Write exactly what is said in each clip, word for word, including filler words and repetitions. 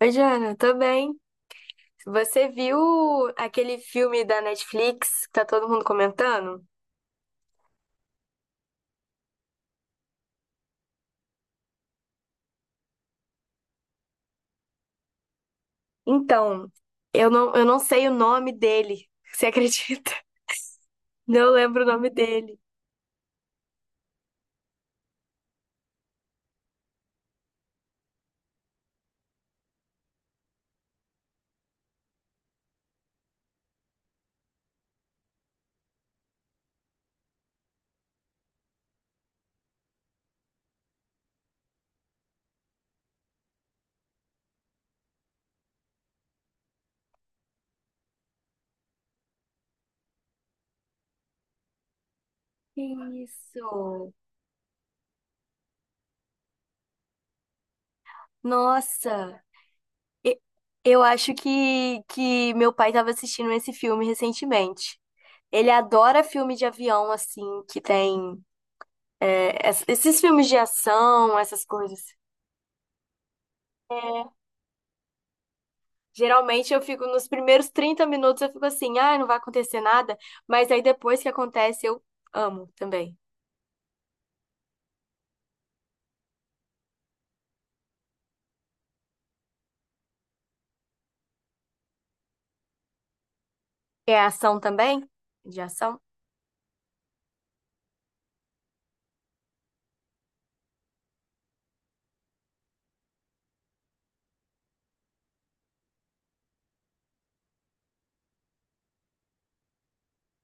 Oi, Jana, tô bem. Você viu aquele filme da Netflix que tá todo mundo comentando? Então, eu não, eu não sei o nome dele. Você acredita? Não lembro o nome dele. Que isso. Nossa, e- eu acho que, que meu pai tava assistindo esse filme recentemente. Ele adora filme de avião, assim, que tem é, es- esses filmes de ação, essas coisas. Geralmente eu fico nos primeiros trinta minutos, eu fico assim, ah, não vai acontecer nada, mas aí depois que acontece, eu amo também. É ação também? De ação?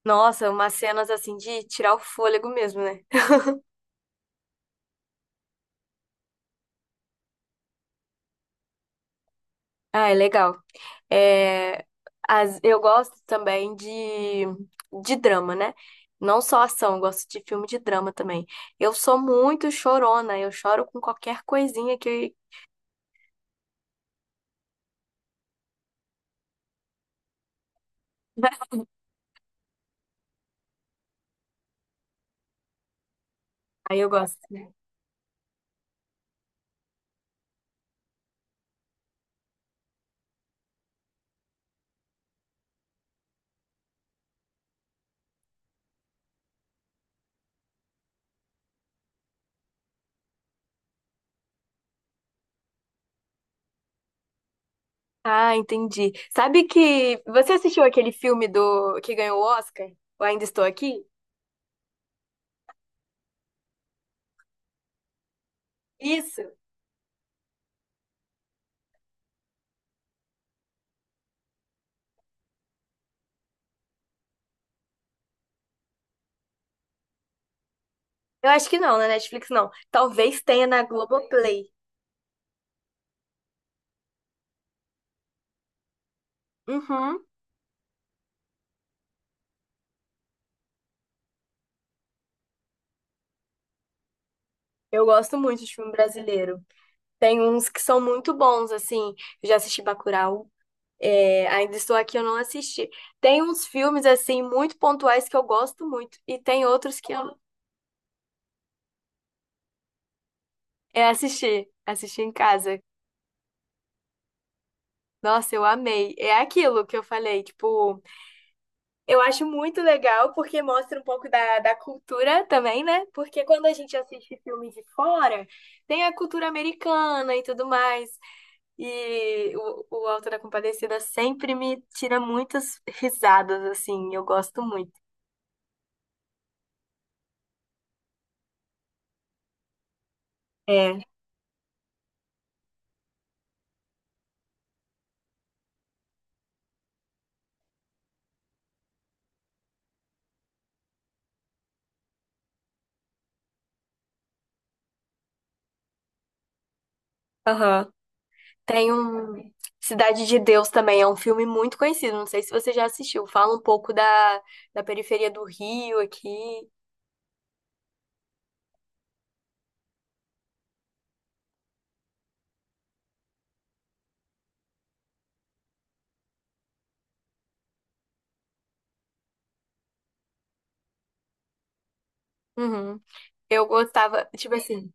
Nossa, umas cenas assim de tirar o fôlego mesmo, né? Ah, é legal. É, as- eu gosto também de, de drama, né? Não só ação, eu gosto de filme de drama também. Eu sou muito chorona, eu choro com qualquer coisinha que. Aí eu gosto. Ah, entendi. Sabe que você assistiu aquele filme do que ganhou o Oscar? Eu ainda estou aqui? Isso. Eu acho que não, na Netflix não. Talvez tenha na Globoplay. Uhum. Eu gosto muito de filme brasileiro. Tem uns que são muito bons, assim. Eu já assisti Bacurau. É, ainda estou aqui, eu não assisti. Tem uns filmes, assim, muito pontuais que eu gosto muito. E tem outros que eu é, assisti. Assisti em casa. Nossa, eu amei. É aquilo que eu falei, tipo. Eu acho muito legal porque mostra um pouco da, da cultura também, né? Porque quando a gente assiste filme de fora, tem a cultura americana e tudo mais. E o, o Auto da Compadecida sempre me tira muitas risadas, assim. Eu gosto muito. É, aham. Tem um... Cidade de Deus também é um filme muito conhecido. Não sei se você já assistiu. Fala um pouco da, da periferia do Rio aqui. Uhum. Eu gostava, tipo assim,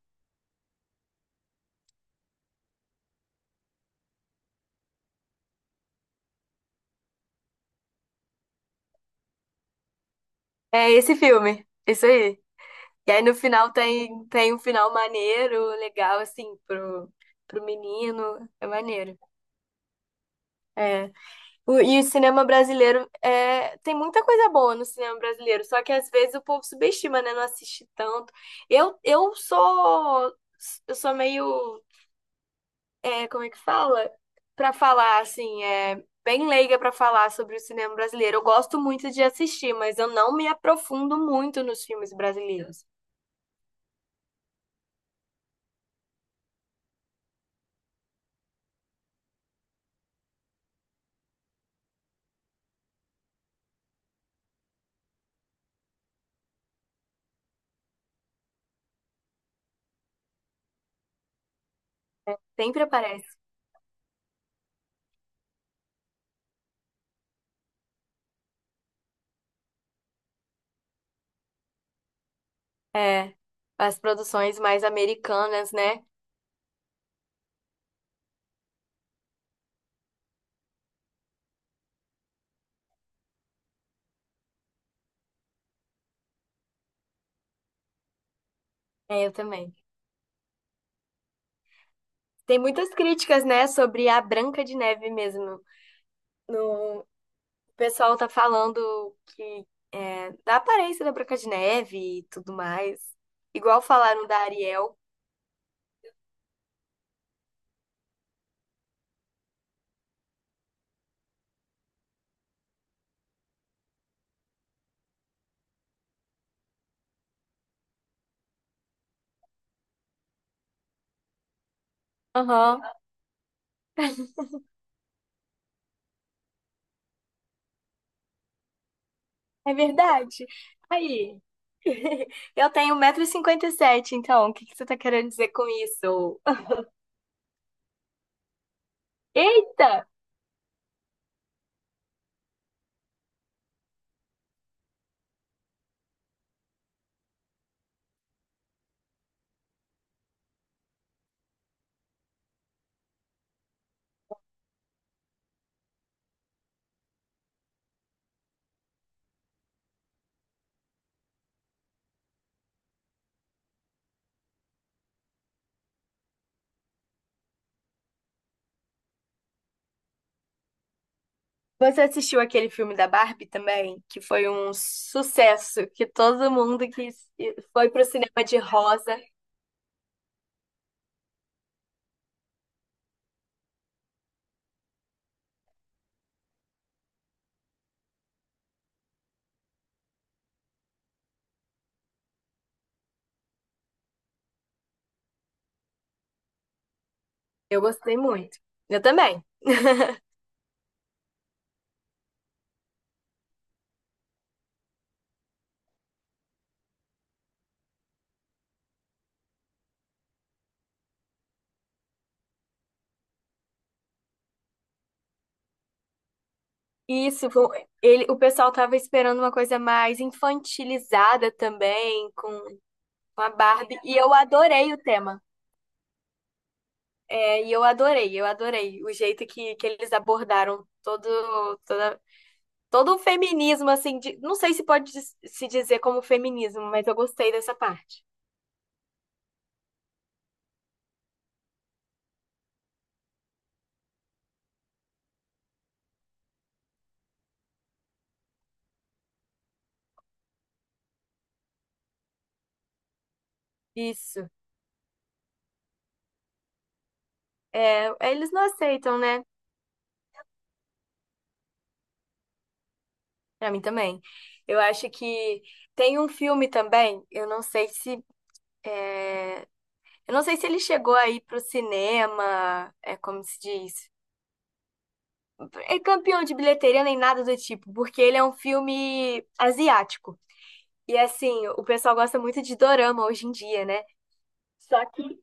é esse filme. Isso aí. E aí no final tem, tem um final maneiro, legal, assim, pro, pro menino. É maneiro. É. O- e o cinema brasileiro é, tem muita coisa boa no cinema brasileiro, só que às vezes o povo subestima, né? Não assiste tanto. Eu, eu sou, eu sou meio, é, como é que fala? Pra falar, assim, é bem leiga pra falar sobre o cinema brasileiro. Eu gosto muito de assistir, mas eu não me aprofundo muito nos filmes brasileiros. Sempre aparece. É, as produções mais americanas, né? É, eu também. Tem muitas críticas, né, sobre a Branca de Neve mesmo. No, o pessoal tá falando que é, da aparência da Branca de Neve e tudo mais. Igual falaram da Ariel. Aham, é verdade. Aí, eu tenho um metro e cinquenta e sete, então, o que que você tá querendo dizer com isso? Eita! Você assistiu aquele filme da Barbie também, que foi um sucesso, que todo mundo que foi pro cinema de rosa, eu gostei muito. Eu também. Isso, com- ele, o pessoal tava esperando uma coisa mais infantilizada também, com, com a Barbie, e eu adorei o tema. É, e eu adorei, eu adorei o jeito que, que eles abordaram todo, toda, todo o feminismo, assim, de- não sei se pode dis- se dizer como feminismo, mas eu gostei dessa parte. Isso. É, eles não aceitam, né? Pra mim também. Eu acho que tem um filme também, eu não sei se é, eu não sei se ele chegou aí pro cinema, é como se diz, é campeão de bilheteria nem nada do tipo, porque ele é um filme asiático. E assim, o pessoal gosta muito de dorama hoje em dia, né? Só que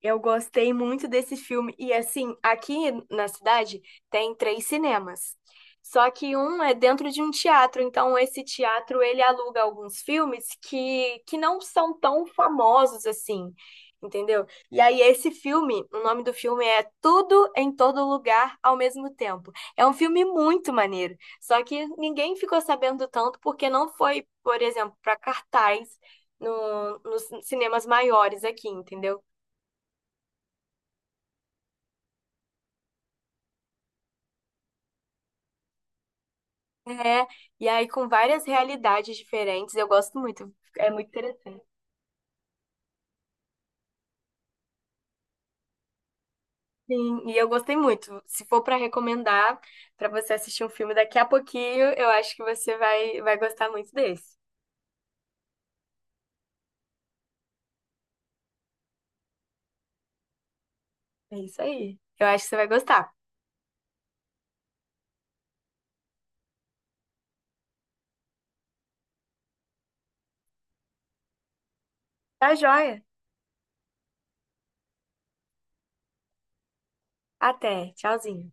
eu gostei muito desse filme. E assim, aqui na cidade tem três cinemas. Só que um é dentro de um teatro, então esse teatro ele aluga alguns filmes que, que não são tão famosos assim, entendeu? E aí esse filme, o nome do filme é Tudo em Todo Lugar ao Mesmo Tempo. É um filme muito maneiro, só que ninguém ficou sabendo tanto porque não foi, por exemplo, para cartaz no, nos cinemas maiores aqui, entendeu? É, e aí com várias realidades diferentes, eu gosto muito, é muito interessante. Sim, e eu gostei muito. Se for para recomendar para você assistir um filme daqui a pouquinho, eu acho que você vai, vai gostar muito desse. É isso aí. Eu acho que você vai gostar. Tá joia? Até. Tchauzinho.